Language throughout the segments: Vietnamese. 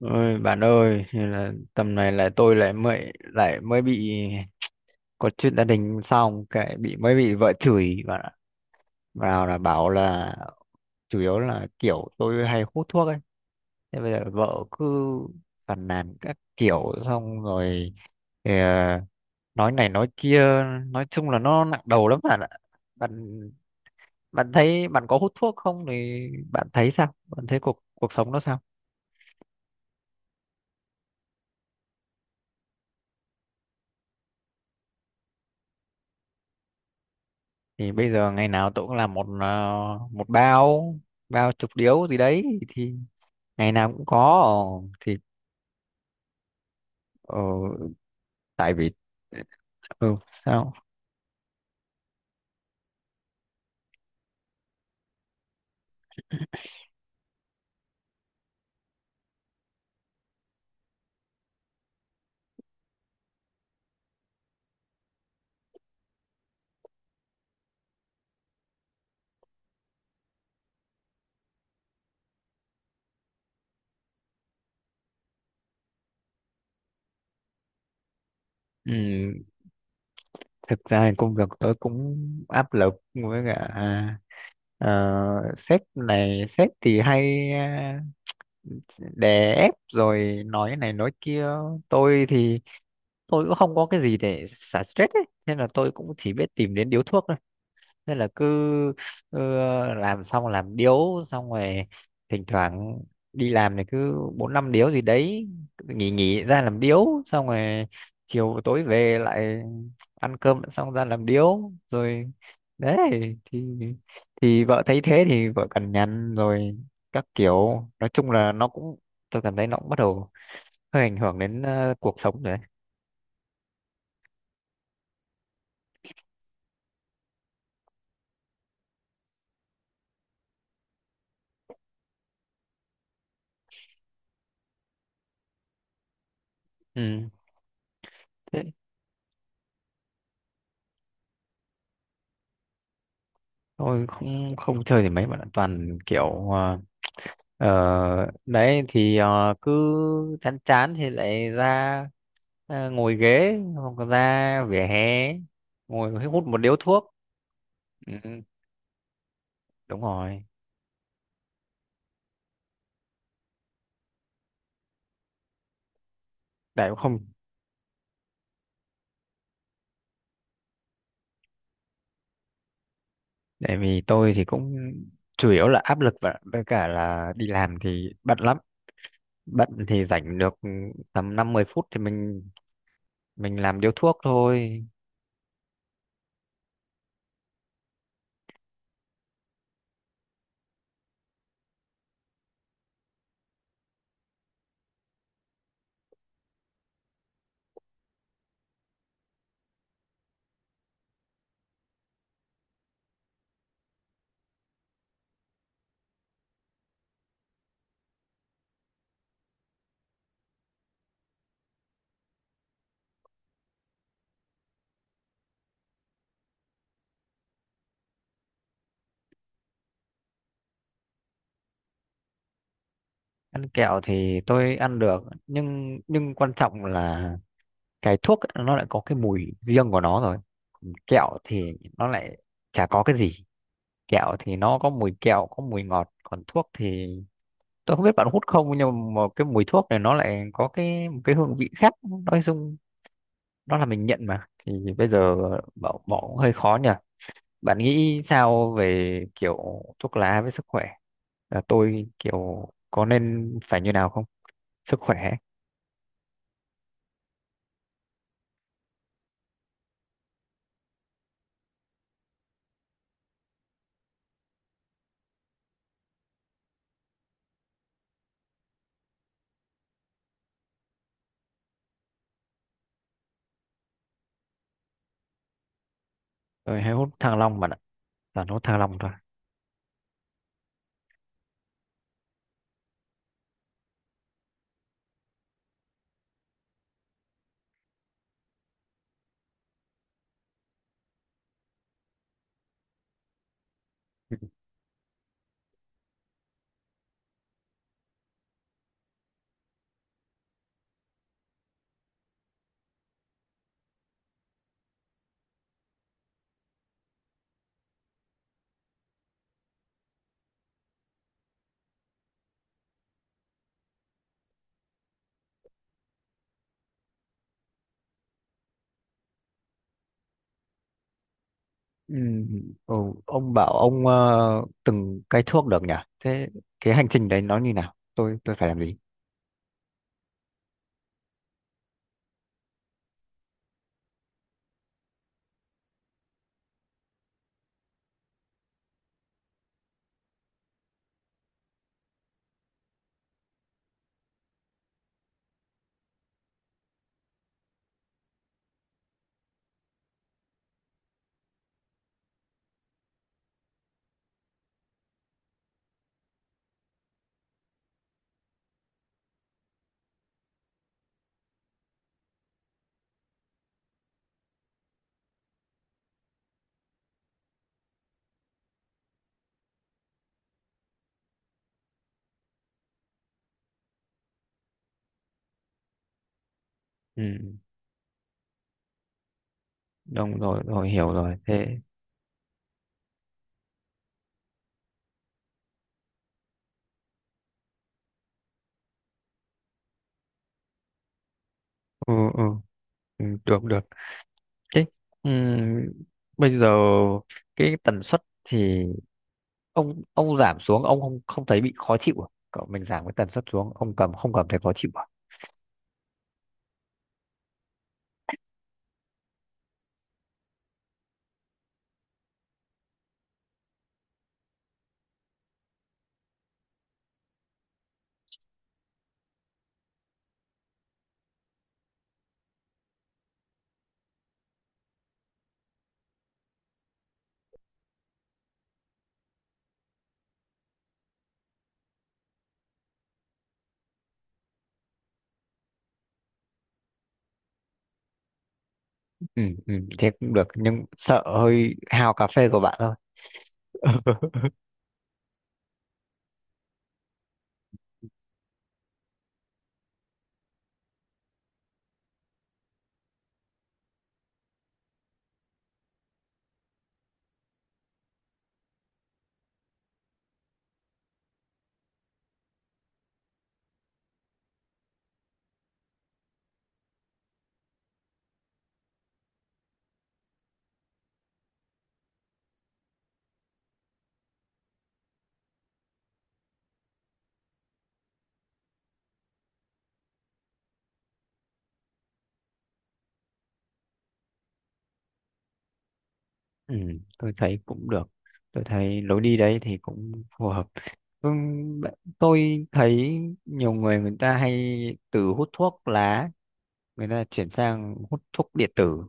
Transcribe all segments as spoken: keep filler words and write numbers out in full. Ôi bạn ơi, thế là tầm này là tôi lại mới lại mới bị có chuyện gia đình, xong cái bị mới bị vợ chửi bạn ạ. Vào là bảo là chủ yếu là kiểu tôi hay hút thuốc ấy. Thế bây giờ vợ cứ phàn nàn các kiểu, xong rồi thì, à, nói này nói kia, nói chung là nó nặng đầu lắm bạn ạ. Bạn bạn thấy bạn có hút thuốc không, thì bạn thấy sao? Bạn thấy cuộc cuộc sống nó sao? Thì bây giờ ngày nào tôi cũng làm một ờ, một bao bao chục điếu gì đấy, thì ngày nào cũng có. Ờ, thì ờ, tại vì ừ sao. Ừ, thực ra thì công việc tôi cũng áp lực, với cả ờ, sếp này sếp thì hay ờ, đè ép rồi nói này nói kia. Tôi thì tôi cũng không có cái gì để xả stress ấy, nên là tôi cũng chỉ biết tìm đến điếu thuốc. Nên là cứ ờ, làm xong làm điếu, xong rồi thỉnh thoảng đi làm thì cứ bốn năm điếu gì đấy, nghỉ nghỉ ra làm điếu xong rồi chiều tối về lại ăn cơm xong ra làm điếu rồi đấy. thì thì vợ thấy thế thì vợ cằn nhằn rồi các kiểu, nói chung là nó cũng, tôi cảm thấy nó cũng bắt đầu hơi ảnh hưởng đến ờ, cuộc sống rồi đấy. Ừ, thế tôi không không chơi thì mấy bạn ạ. Toàn kiểu ờ, Ờ, đấy thì ờ, cứ chán chán thì lại ra ờ, ngồi ghế hoặc là ra vỉa hè ngồi hút một điếu thuốc. Ừ, đúng rồi. Tại cũng không tại vì tôi thì cũng chủ yếu là áp lực, và với cả là đi làm thì bận lắm. Bận thì rảnh được tầm năm mười phút thì mình mình làm điếu thuốc thôi. Ăn kẹo thì tôi ăn được, nhưng nhưng quan trọng là cái thuốc ấy, nó lại có cái mùi riêng của nó rồi. Còn kẹo thì nó lại chả có cái gì, kẹo thì nó có mùi kẹo, có mùi ngọt, còn thuốc thì tôi không biết bạn hút không, nhưng mà cái mùi thuốc này nó lại có cái một cái hương vị khác. Nói chung đó là mình nhận mà, thì bây giờ bỏ bỏ cũng hơi khó nhỉ. Bạn nghĩ sao về kiểu thuốc lá với sức khỏe, là tôi kiểu có nên phải như nào không, sức khỏe ấy. Tôi hay hút thang long bạn ạ, toàn hút thang long thôi. Ừ, ừ, ông bảo ông ờ, từng cái thuốc được nhỉ? Thế cái hành trình đấy nó như nào? Tôi tôi phải làm gì? Ừ, đúng rồi, rồi hiểu rồi. Thế ừ, ừ, ừ, được được. Thế ừ, bây giờ cái tần suất thì ông ông giảm xuống, ông không không thấy bị khó chịu à? Cậu mình giảm cái tần suất xuống, ông cầm không cầm thấy khó chịu à? Ừ, ừ, thế cũng được, nhưng sợ hơi hao cà phê của bạn thôi. Ừ, tôi thấy cũng được. Tôi thấy lối đi đấy thì cũng phù hợp. Vâng, bạn- tôi thấy nhiều người, người ta hay từ hút thuốc lá người ta chuyển sang hút thuốc điện tử,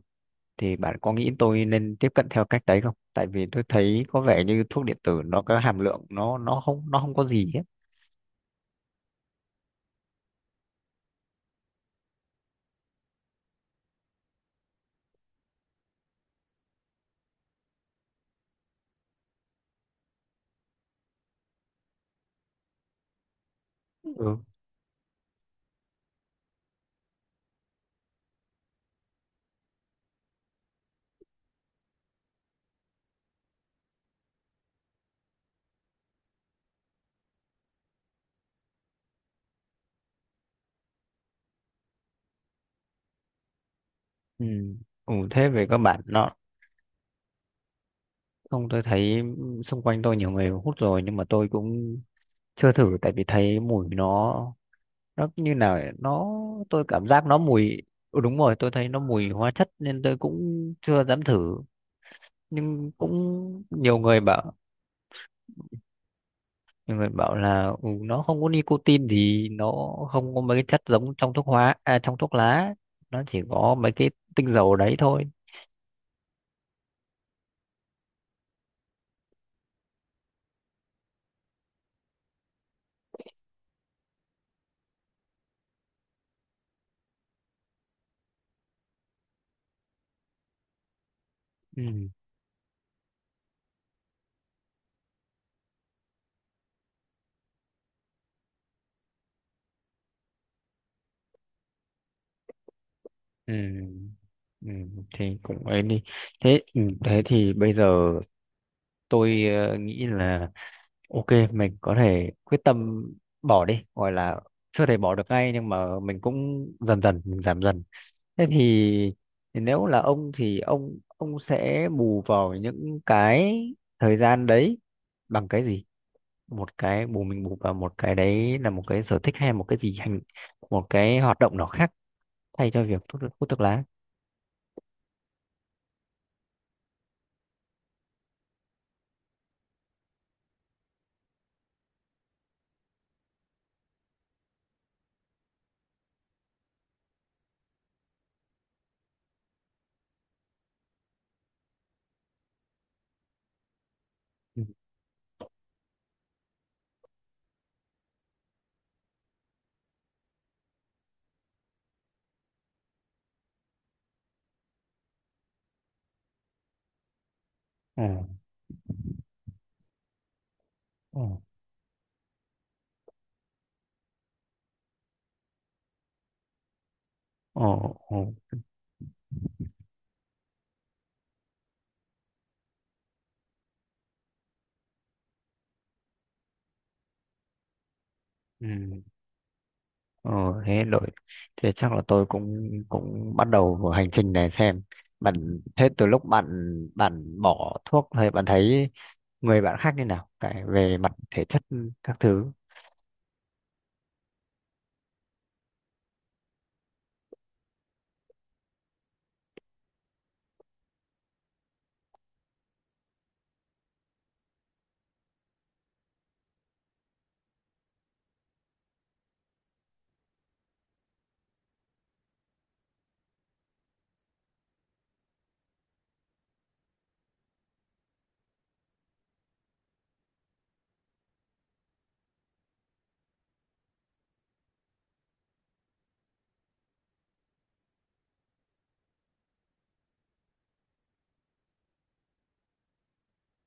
thì bạn có nghĩ tôi nên tiếp cận theo cách đấy không? Tại vì tôi thấy có vẻ như thuốc điện tử nó có hàm lượng, nó nó không nó không có gì hết. Ừ. Ừ. Ừ, thế về các bạn nó, không, tôi thấy xung quanh tôi nhiều người hút rồi, nhưng mà tôi cũng chưa thử, tại vì thấy mùi nó nó như nào ấy, nó, tôi cảm giác nó mùi. Ừ, đúng rồi, tôi thấy nó mùi hóa chất nên tôi cũng chưa dám thử. Nhưng cũng nhiều người bảo, nhiều người bảo là ừ, nó không có nicotine thì nó không có mấy cái chất giống trong thuốc hóa, à, trong thuốc lá, nó chỉ có mấy cái tinh dầu đấy thôi. Ừ. Ừ. Ừ. Thì cũng ấy đi. Thế ừ, thế thì bây giờ tôi ờ, nghĩ là ok, mình có thể quyết tâm bỏ đi, gọi là chưa thể bỏ được ngay, nhưng mà mình cũng dần dần mình giảm dần. Thế thì, thì nếu là ông thì ông ông sẽ bù vào những cái thời gian đấy bằng cái gì? Một cái bù, mình bù vào một cái đấy, là một cái sở thích hay một cái gì hành, một cái hoạt động nào khác thay cho việc hút thuốc, hút thuốc lá. Ừ. Ồ, ồ, ồ, ồ. Ừ. Ờ, thế đội, thế chắc là tôi cũng cũng bắt đầu vào hành trình này xem. Bạn thế từ lúc bạn, bạn bỏ thuốc thì bạn thấy người bạn khác như nào, cái về mặt thể chất các thứ.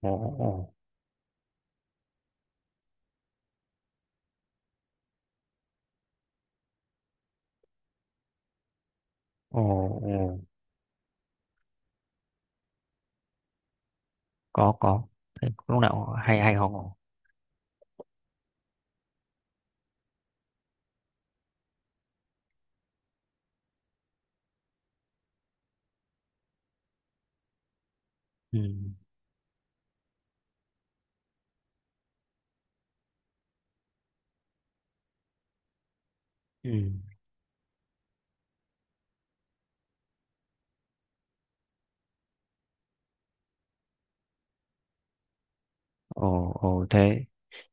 Ồ, ồ, ồ, ồ. Có có. Thế lúc nào hay hay ho ngủ. Ừ, ừ. Ồ, ồ. Thế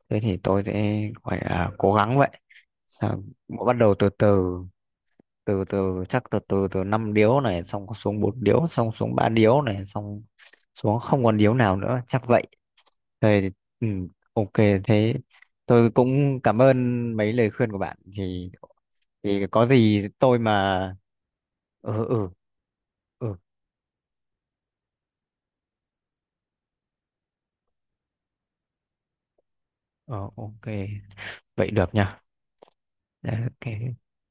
thế thì tôi sẽ gọi là cố gắng vậy. Sao, bắt đầu từ từ, từ từ chắc từ từ, từ năm điếu này xong xuống bốn điếu, xong xuống ba điếu này, xong xuống không còn điếu nào nữa, chắc vậy. Thế thì, ừ, ok. Thế tôi cũng cảm ơn mấy lời khuyên của bạn thì thì có gì tôi mà ừ, ừ, ừ. Ờ, ok, vậy được nha. Đấy, ok.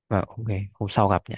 Và ok, hôm sau gặp nhỉ.